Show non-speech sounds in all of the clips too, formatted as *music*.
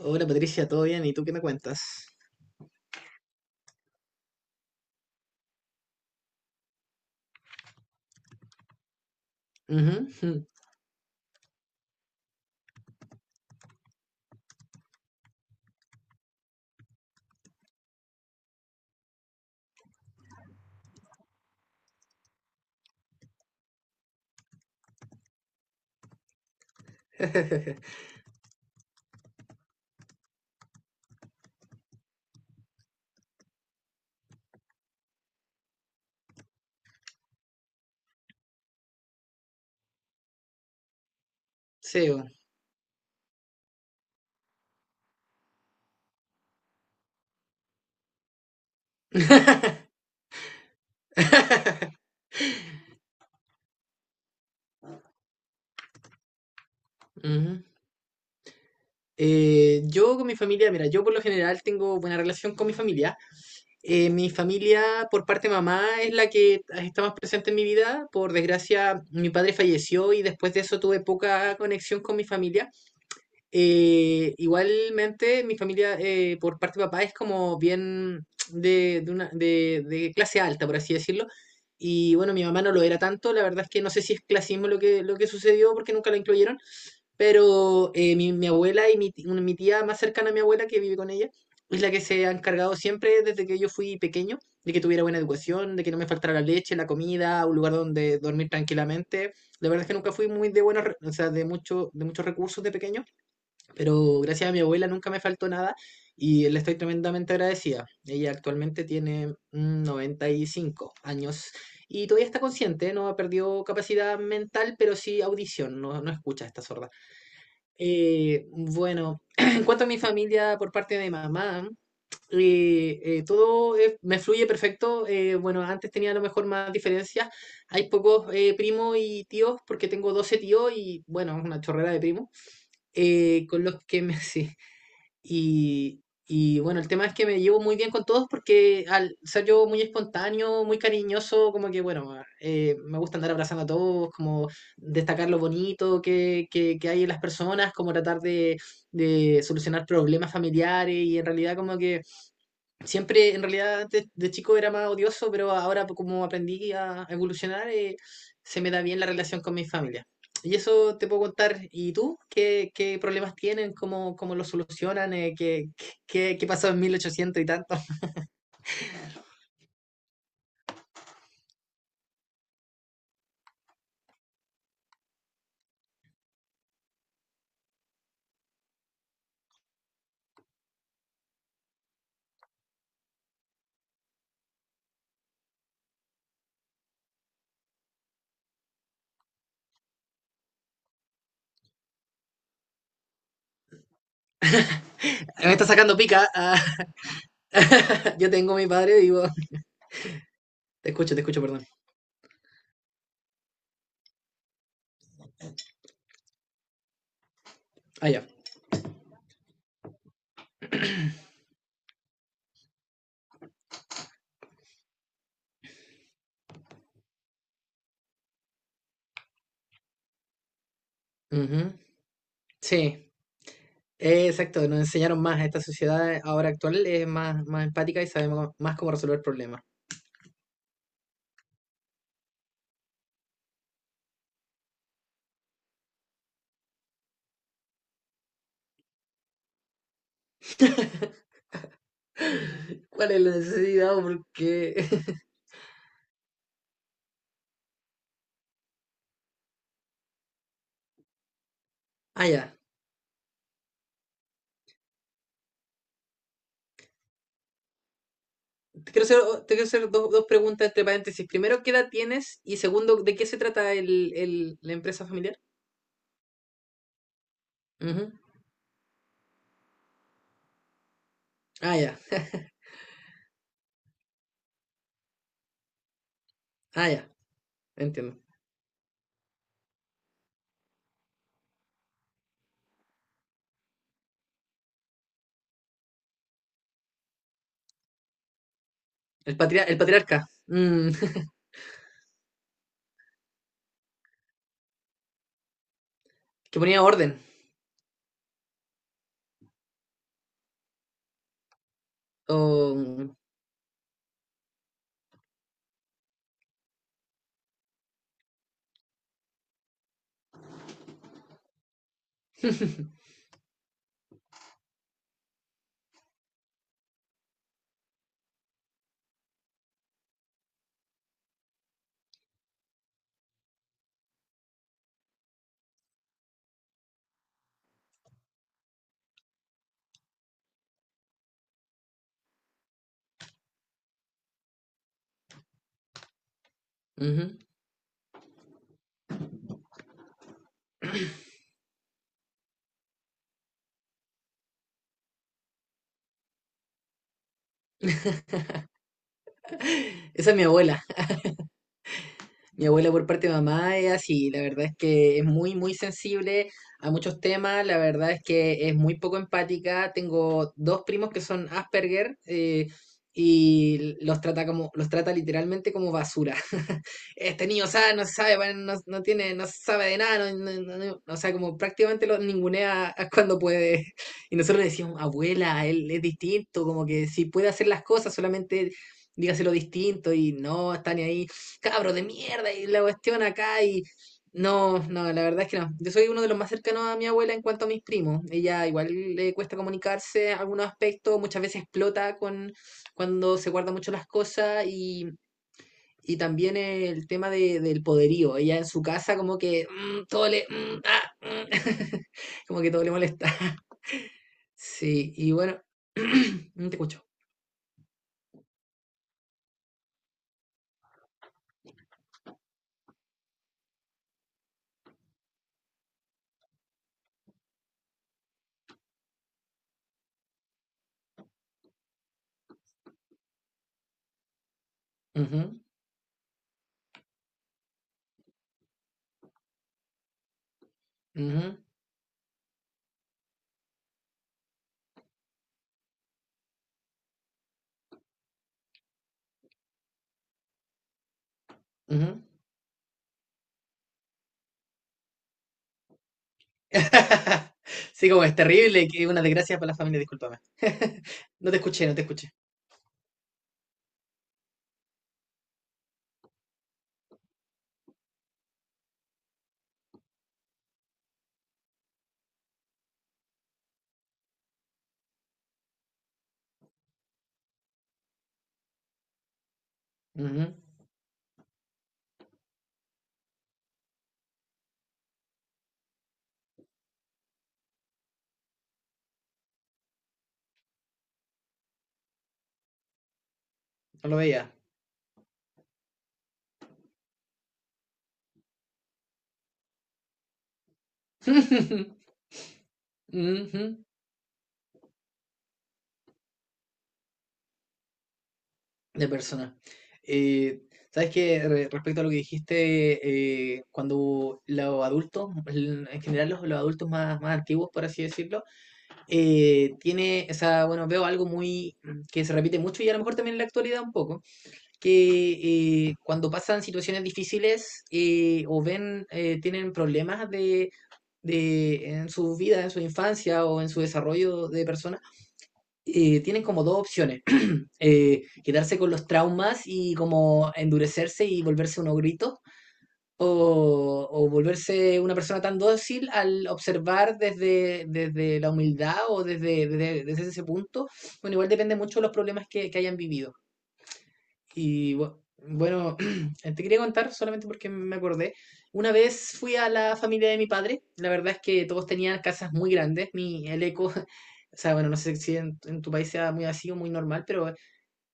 Hola Patricia, ¿todo bien? ¿Y tú qué me cuentas? Ujú. Ujú. *laughs* Sí, bueno. *laughs* Ujú. Yo con mi familia, mira, yo por lo general tengo buena relación con mi familia. Mi familia por parte de mamá es la que está más presente en mi vida. Por desgracia, mi padre falleció y después de eso tuve poca conexión con mi familia. Igualmente, mi familia por parte de papá es como bien de clase alta, por así decirlo. Y bueno, mi mamá no lo era tanto, la verdad es que no sé si es clasismo lo que sucedió porque nunca la incluyeron, pero mi abuela y mi tía más cercana a mi abuela que vive con ella es la que se ha encargado siempre desde que yo fui pequeño de que tuviera buena educación, de que no me faltara la leche, la comida, un lugar donde dormir tranquilamente. La verdad es que nunca fui muy de o sea, de muchos recursos de pequeño, pero gracias a mi abuela nunca me faltó nada y le estoy tremendamente agradecida. Ella actualmente tiene 95 años y todavía está consciente, no ha perdido capacidad mental, pero sí audición, no, no escucha, está sorda. Bueno, *clears throat* en cuanto a mi familia por parte de mamá, todo me fluye perfecto. Bueno, antes tenía a lo mejor más diferencias. Hay pocos primos y tíos, porque tengo 12 tíos y, bueno, una chorrera de primos, con los que *laughs* sí, y bueno, el tema es que me llevo muy bien con todos porque al ser yo muy espontáneo, muy cariñoso, como que bueno, me gusta andar abrazando a todos, como destacar lo bonito que hay en las personas, como tratar de solucionar problemas familiares y en realidad como que. Siempre, en realidad, antes de chico era más odioso, pero ahora pues, como aprendí a evolucionar, se me da bien la relación con mi familia. Y eso te puedo contar. ¿Y tú? ¿Qué problemas tienen? ¿Cómo los solucionan? ¿Qué pasó en 1800 y tanto? *laughs* Me está sacando pica. Ah. *laughs* Yo tengo a mi padre vivo. Te escucho, perdón. Ah, ya. Ujú. Sí, exacto. Nos enseñaron más. Esta sociedad ahora actual es más, más empática y sabe más cómo resolver problemas. ¿Cuál es la necesidad? O ¿Por qué? *laughs* Ah, ya. Te quiero hacer, te quiero hacer dos preguntas entre paréntesis. Primero, ¿qué edad tienes? Y segundo, ¿de qué se trata la empresa familiar? Ujú. Ah, ya. *laughs* Ah, ya. Entiendo. El patriarca. *laughs* Que ponía orden. O- *laughs* Ujú. Esa es mi abuela. Mi abuela por parte de mamá es así, la verdad es que es muy, muy sensible a muchos temas, la verdad es que es muy poco empática. Tengo dos primos que son Asperger y los trata como, los trata literalmente como basura. *laughs* Este niño sabe, no sabe, bueno, no, no tiene, no sabe de nada, no, o sea, como prácticamente lo ningunea *laughs* cuando puede. Y nosotros le decíamos, abuela, él es distinto, como que si puede hacer las cosas, solamente dígaselo distinto y no está ni ahí cabro de mierda y la cuestión acá y... No, no, la verdad es que no. Yo soy uno de los más cercanos a mi abuela en cuanto a mis primos. Ella igual le cuesta comunicarse en algunos aspectos, muchas veces explota con cuando se guarda mucho las cosas y también el tema del poderío. Ella en su casa como que todo le... *laughs* como que todo le molesta. *laughs* Sí, y bueno, *clears throat* no te escucho. Ujú, ujú, ujú. *laughs* Sí, como es terrible, que una desgracia para la familia, discúlpame. *laughs* No te escuché, no te escuché. Ujú. No lo veía. *laughs* Ujú. De persona. Eh, ¿Sabes qué? Respecto a lo que dijiste, cuando los adultos, en general los adultos más, más antiguos, por así decirlo, tiene, o sea, bueno, veo algo muy que se repite mucho y a lo mejor también en la actualidad un poco que cuando pasan situaciones difíciles o ven, tienen problemas en su vida, en su infancia o en su desarrollo de persona, tienen como dos opciones. *clears throat* Quedarse con los traumas y como endurecerse y volverse unos gritos o volverse una persona tan dócil al observar desde la humildad o desde ese punto. Bueno, igual depende mucho de los problemas que hayan vivido. Y bueno, *clears throat* te quería contar solamente porque me acordé. Una vez fui a la familia de mi padre. La verdad es que todos tenían casas muy grandes. Mi, el eco, *laughs* o sea, bueno, no sé si en tu país sea muy así o muy normal, pero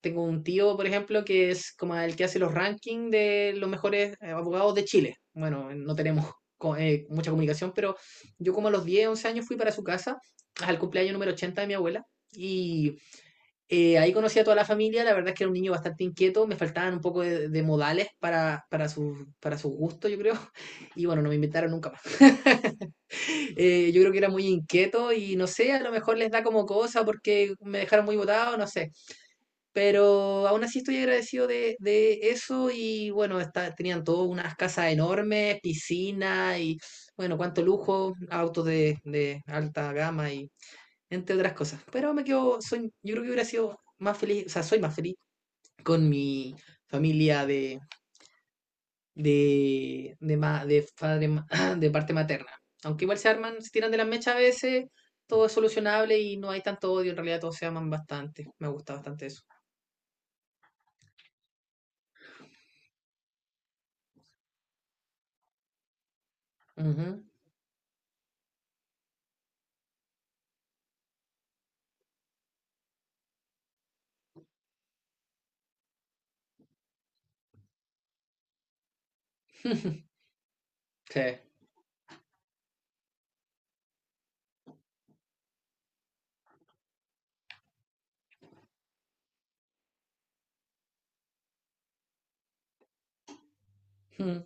tengo un tío, por ejemplo, que es como el que hace los rankings de los mejores abogados de Chile. Bueno, no tenemos mucha comunicación, pero yo como a los 10 11 años fui para su casa, al cumpleaños número 80 de mi abuela. Y ahí conocí a toda la familia, la verdad es que era un niño bastante inquieto, me faltaban un poco de modales para su gusto, yo creo, *laughs* y bueno, no me invitaron nunca más. *laughs* Yo creo que era muy inquieto y no sé, a lo mejor les da como cosa porque me dejaron muy botado, no sé, pero aún así estoy agradecido de eso y bueno, tenían todas unas casas enormes, piscina y bueno, cuánto lujo, autos de alta gama y entre otras cosas. Pero me quedo, soy, yo creo que hubiera sido más feliz, o sea, soy más feliz con mi familia de, ma- de, padre ma- *clears throat* de parte materna. Aunque igual se arman, se tiran de las mechas a veces, todo es solucionable y no hay tanto odio, en realidad todos se aman bastante. Me gusta bastante eso. Ujú. *laughs* Sí. Mm.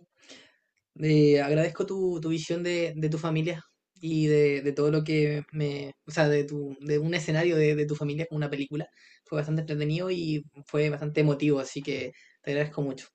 Agradezco tu visión de tu familia y de todo lo que me, o sea, de un escenario de tu familia como una película. Fue bastante entretenido y fue bastante emotivo, así que te agradezco mucho.